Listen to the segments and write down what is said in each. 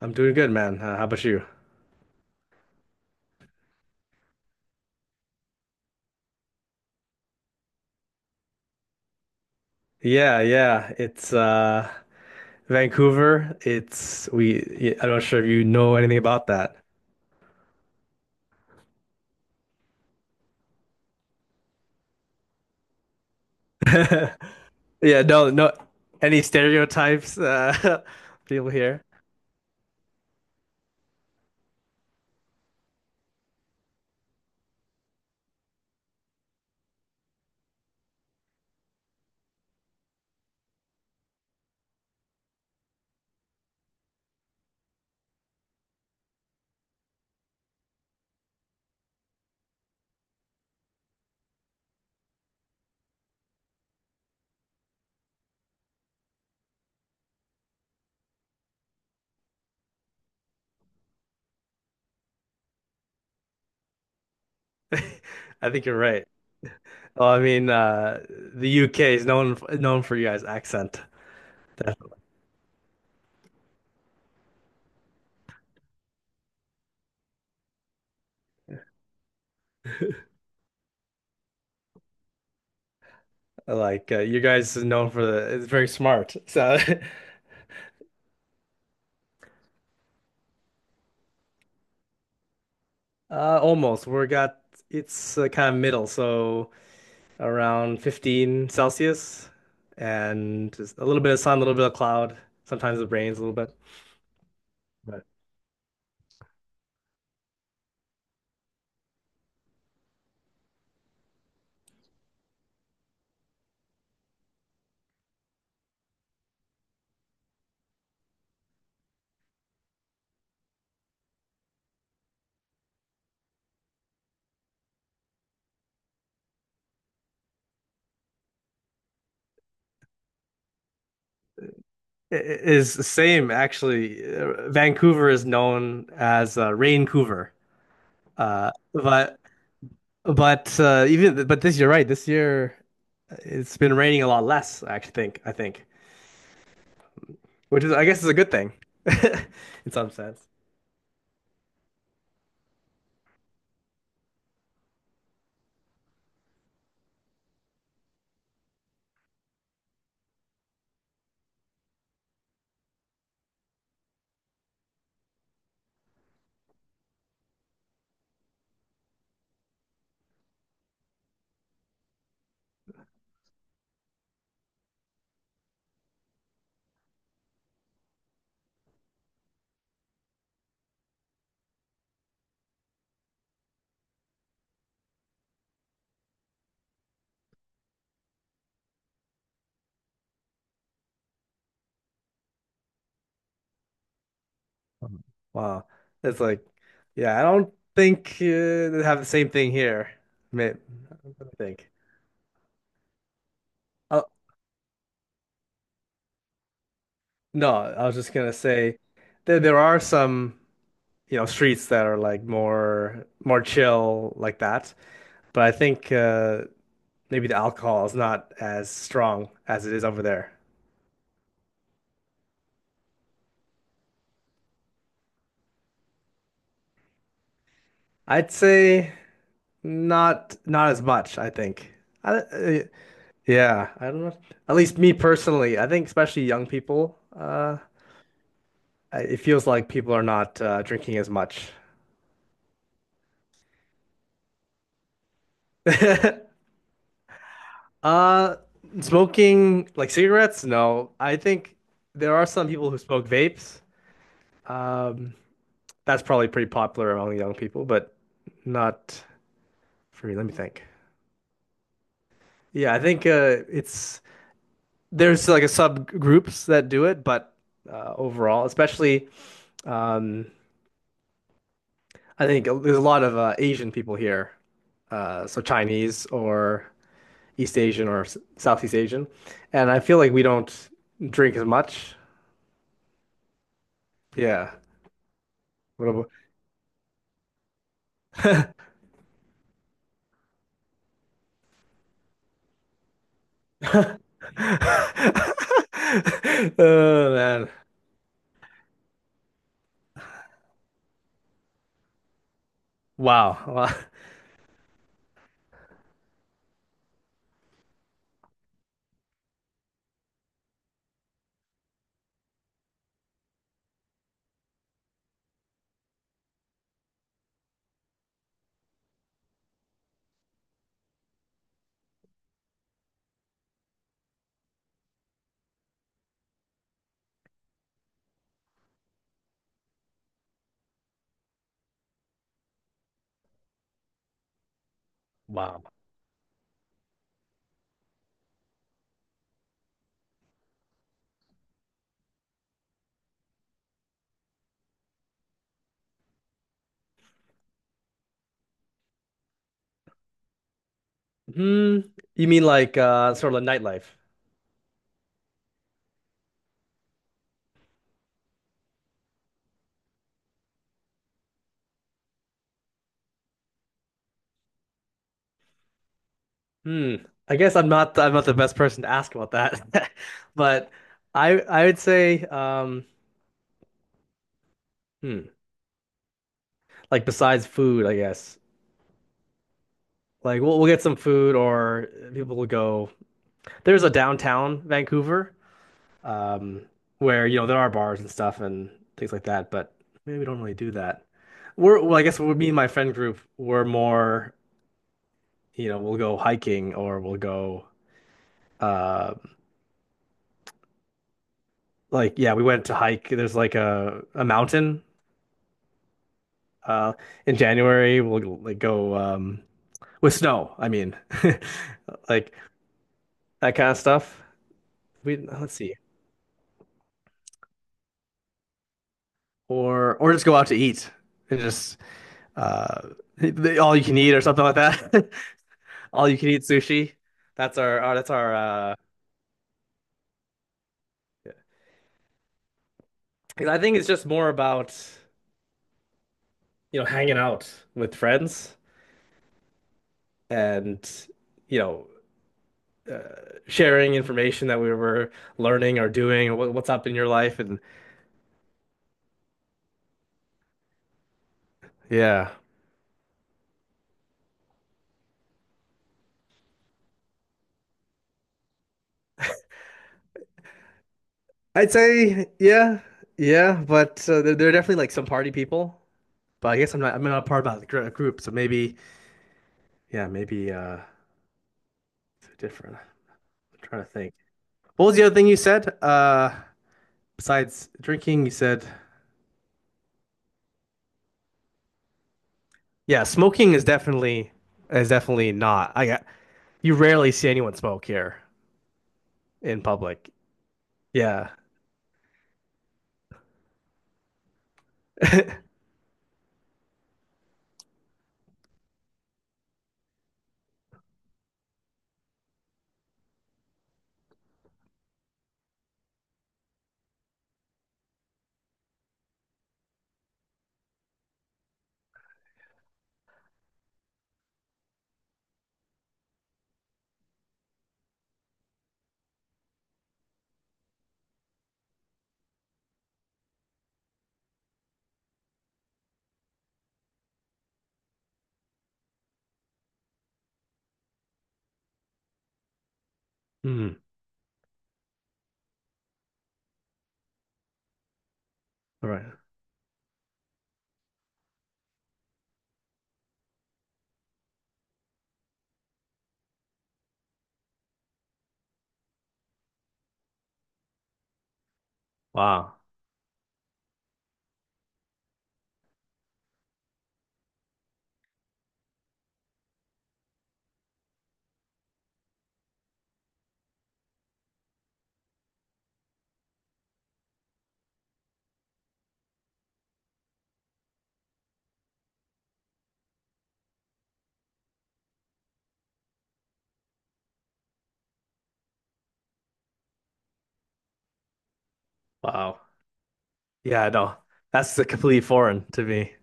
I'm doing good, man. How about you? Yeah, yeah. It's Vancouver. It's we I'm not sure if you know anything about that. Yeah, no, no any stereotypes people here. I think you're right. Well, I mean, the UK is known for you guys' accent. Definitely. Like you guys is known for the it's very smart. So almost. We got it's kind of middle, so around 15 Celsius and just a little bit of sun, a little bit of cloud. Sometimes it rains a little bit. But It is the same, actually. Vancouver is known as Raincouver. Uh, but but this you're right. This year it's been raining a lot less, I think, which is I guess is a good thing in some sense. Um, Wow. It's like, yeah, I don't think they have the same thing here. May- I think. Uh, no, I was just gonna say there are some, you know, streets that are like more chill like that. But I think maybe the alcohol is not as strong as it is over there. I'd say not as much, I think. I, uh, yeah, I don't know. At least me personally, I think especially young people, it feels like people are not drinking as much. Uh, smoking like cigarettes? No, I think there are some people who smoke vapes. Um, that's probably pretty popular among young people, but not for me. Let me think. Yeah, I think it's. There's like a subgroups that do it, but overall, especially um, I think there's a lot of Asian people here, so Chinese or East Asian or Southeast Asian, and I feel like we don't drink as much. Yeah. What about... Oh man! Wow! Wow! Wow. Hmm. You mean like sort of like nightlife? Hmm. I guess I'm not the best person to ask about that. But I would say hmm like besides food, I guess. Like we'll get some food or people will go. There's a downtown Vancouver um where you know there are bars and stuff and things like that, but maybe we don't really do that. We're well, I guess we me and my friend group we're more, you know, we'll go hiking or we'll go uh like yeah, we went to hike. There's like a mountain Uh, in January, we'll like go with snow. I mean, like that kind of stuff. We let's see, or just go out to eat and just uh, all you can eat or something like that. All you can eat sushi. That's our that's our. 'Cause I think it's just more about you know hanging out with friends and you know sharing information that we were learning or doing or what, what's up in your life and yeah. I'd say yeah, yeah, but there are definitely like some party people. But I guess I'm not a part of that group, so maybe yeah, maybe it's different. I'm trying to think. What was the other thing you said? Besides drinking, you said yeah, smoking is definitely not. I got you rarely see anyone smoke here in public. Yeah. Hmm. All right. Wow. Wow. Yeah, no. That's completely foreign to me.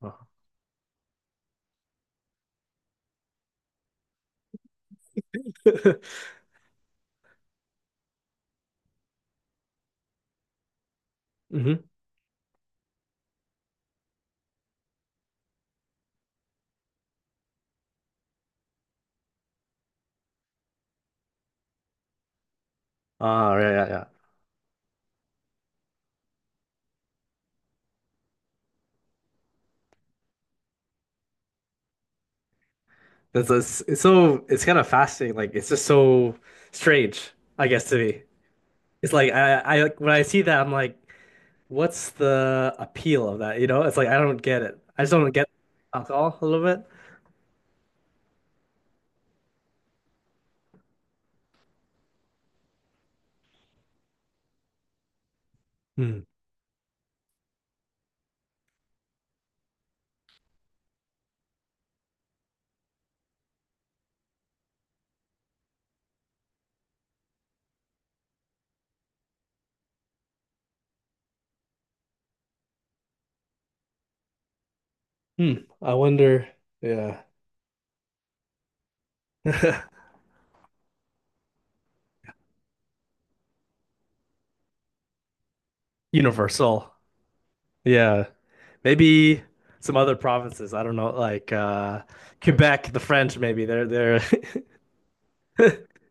Wow. Mm-hmm. Oh, yeah, yeah, yeah. It's it's kind of fascinating. Like it's just so strange, I guess, to me. It's like I like when I see that, I'm like, what's the appeal of that? You know, it's like I don't get it. I just don't get alcohol a little bit. Hmm. Hmm. I wonder. Yeah. Universal. Yeah. Maybe some other provinces. I don't know, like Quebec, the French, maybe. They're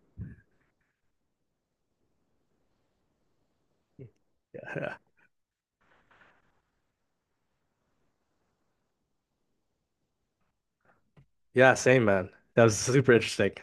yeah. Yeah, same man. That was super interesting.